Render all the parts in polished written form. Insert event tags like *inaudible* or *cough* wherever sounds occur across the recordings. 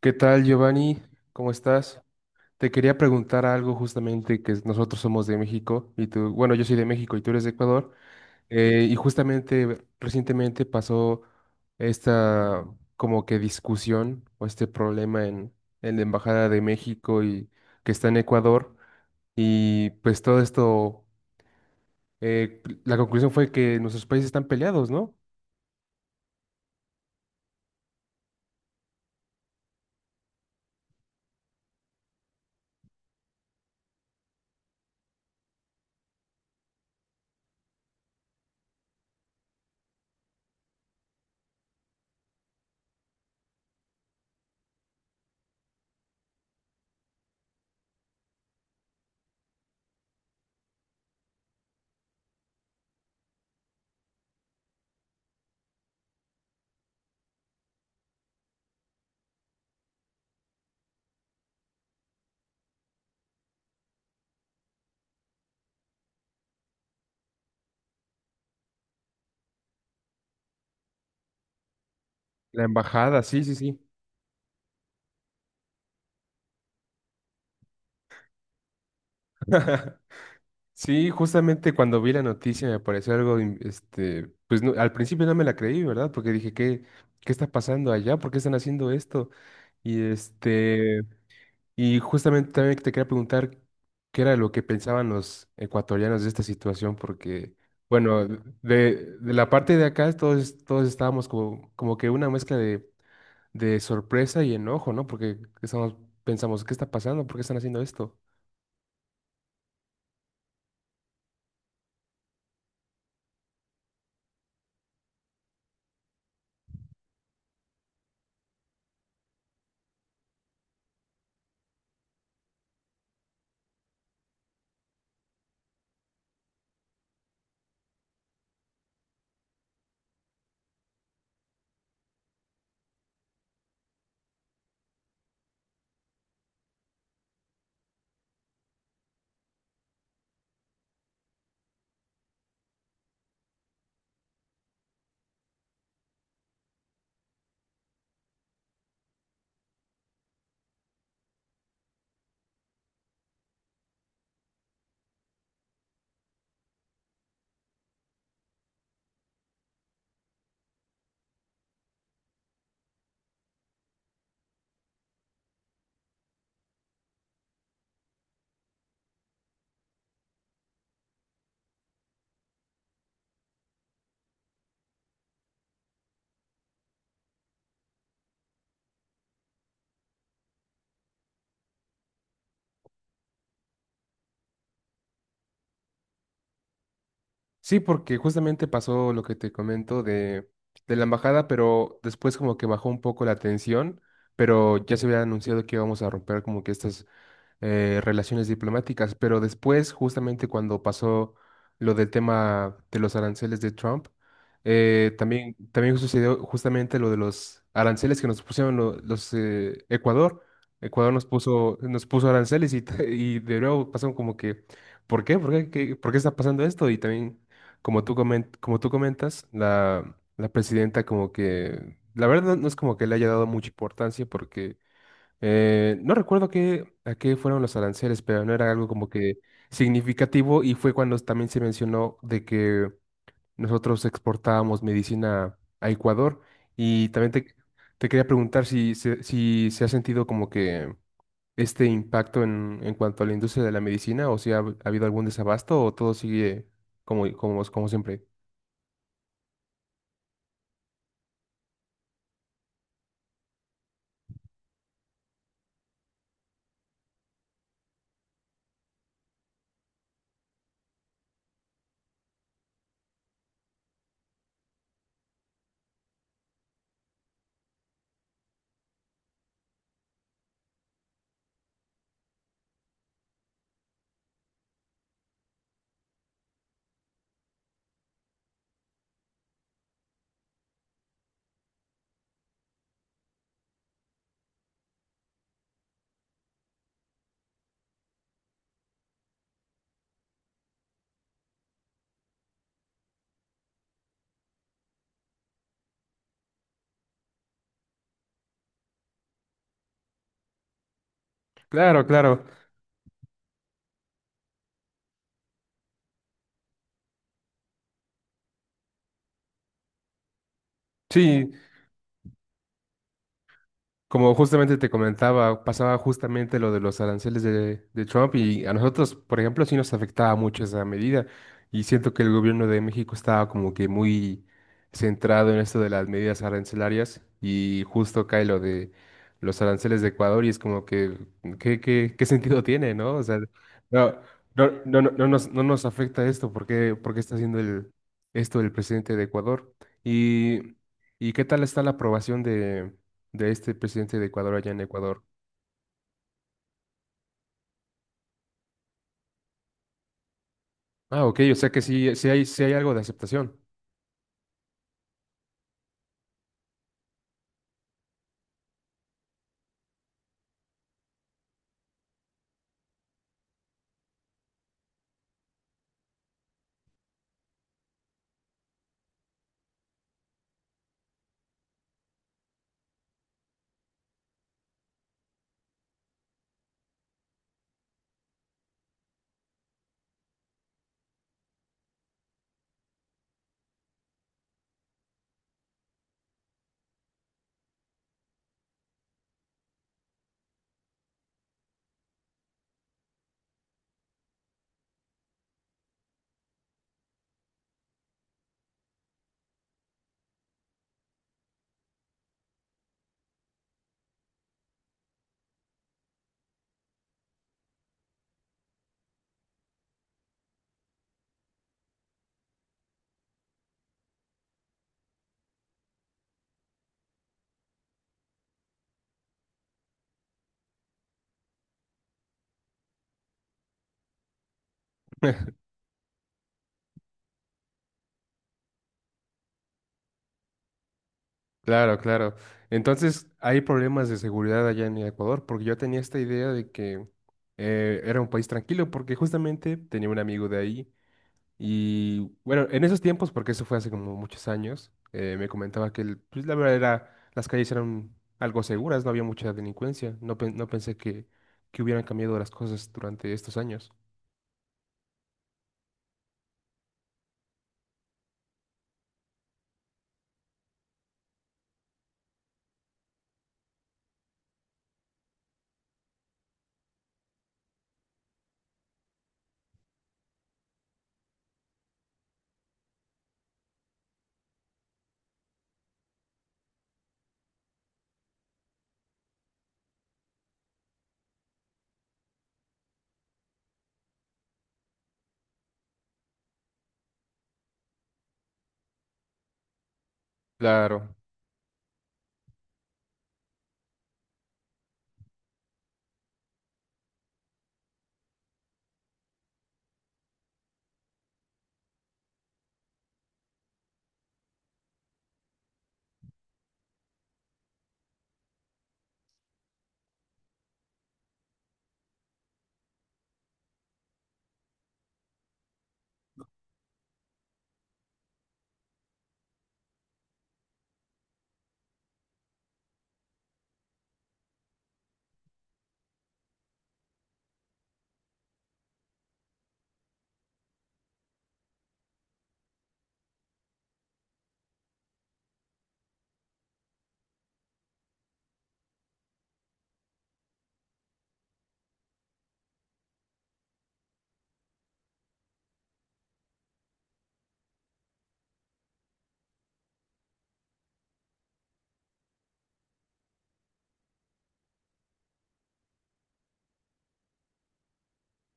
¿Qué tal, Giovanni? ¿Cómo estás? Te quería preguntar algo justamente que nosotros somos de México y tú, bueno, yo soy de México y tú eres de Ecuador, y justamente recientemente pasó esta como que discusión o este problema en la Embajada de México y que está en Ecuador y pues todo esto, la conclusión fue que nuestros países están peleados, ¿no? La embajada, sí, sí, sí. *laughs* Sí, justamente cuando vi la noticia me pareció algo, pues al principio no me la creí, ¿verdad? Porque dije, ¿qué, qué está pasando allá? ¿Por qué están haciendo esto? Y este, y justamente también te quería preguntar qué era lo que pensaban los ecuatorianos de esta situación, porque, bueno, de la parte de acá todos, todos estábamos como, como que una mezcla de sorpresa y enojo, ¿no? Porque estamos, pensamos, ¿qué está pasando? ¿Por qué están haciendo esto? Sí, porque justamente pasó lo que te comento de la embajada, pero después como que bajó un poco la tensión, pero ya se había anunciado que íbamos a romper como que estas relaciones diplomáticas, pero después, justamente cuando pasó lo del tema de los aranceles de Trump, también, también sucedió justamente lo de los aranceles que nos pusieron Ecuador. Ecuador nos puso aranceles y, *laughs* y de nuevo pasaron como que, ¿por qué? ¿Por qué? ¿Por qué está pasando esto? Y también, como tú comentas, la presidenta como que, la verdad no es como que le haya dado mucha importancia porque no recuerdo qué, a qué fueron los aranceles, pero no era algo como que significativo y fue cuando también se mencionó de que nosotros exportábamos medicina a Ecuador y también te quería preguntar si, si se ha sentido como que este impacto en cuanto a la industria de la medicina o si ha, ha habido algún desabasto o todo sigue como, como, como siempre. Claro, claro. Sí, como justamente te comentaba, pasaba justamente lo de los aranceles de Trump y a nosotros, por ejemplo, sí nos afectaba mucho esa medida y siento que el gobierno de México estaba como que muy centrado en esto de las medidas arancelarias y justo cae lo de los aranceles de Ecuador y es como que, ¿qué, qué, qué sentido tiene, no? O sea, no, no, no, no, no nos afecta esto, por qué está haciendo esto el presidente de Ecuador? Y, ¿Y qué tal está la aprobación de este presidente de Ecuador allá en Ecuador? Ah, ok, o sea que sí, sí hay algo de aceptación. *laughs* Claro, claro. Entonces, ¿hay problemas de seguridad allá en Ecuador? Porque yo tenía esta idea de que era un país tranquilo, porque justamente tenía un amigo de ahí y, bueno, en esos tiempos, porque eso fue hace como muchos años, me comentaba que, pues, la verdad era, las calles eran algo seguras, no había mucha delincuencia. No, no pensé que hubieran cambiado las cosas durante estos años. Claro.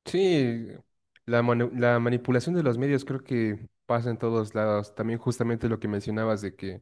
Sí, la, la manipulación de los medios creo que pasa en todos lados. También justamente lo que mencionabas de que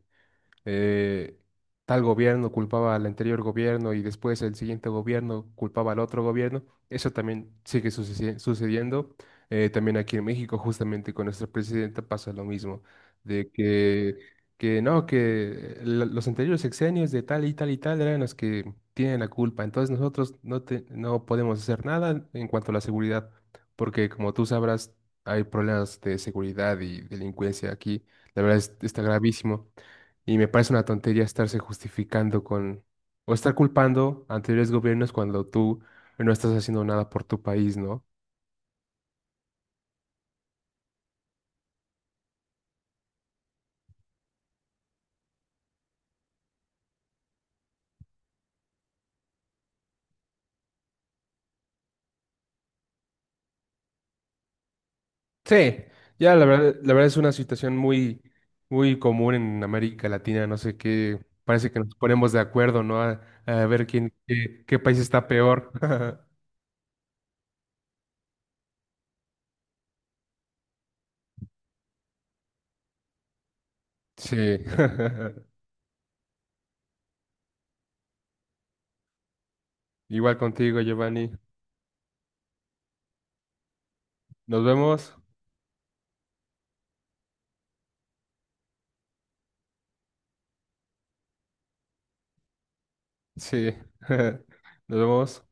eh, tal gobierno culpaba al anterior gobierno y después el siguiente gobierno culpaba al otro gobierno. Eso también sigue sucediendo. También aquí en México, justamente con nuestra presidenta, pasa lo mismo, de que no, que los anteriores sexenios de tal y tal y tal eran los que tienen la culpa. Entonces nosotros no, no podemos hacer nada en cuanto a la seguridad, porque como tú sabrás, hay problemas de seguridad y delincuencia aquí. La verdad está gravísimo. Y me parece una tontería estarse justificando con o estar culpando a anteriores gobiernos cuando tú no estás haciendo nada por tu país, ¿no? Sí, ya la verdad es una situación muy, muy común en América Latina, no sé qué, parece que nos ponemos de acuerdo, ¿no? A ver quién, qué, qué país está peor. *laughs* Sí, *laughs* igual contigo, Giovanni. Nos vemos. Sí, *laughs* nos vemos.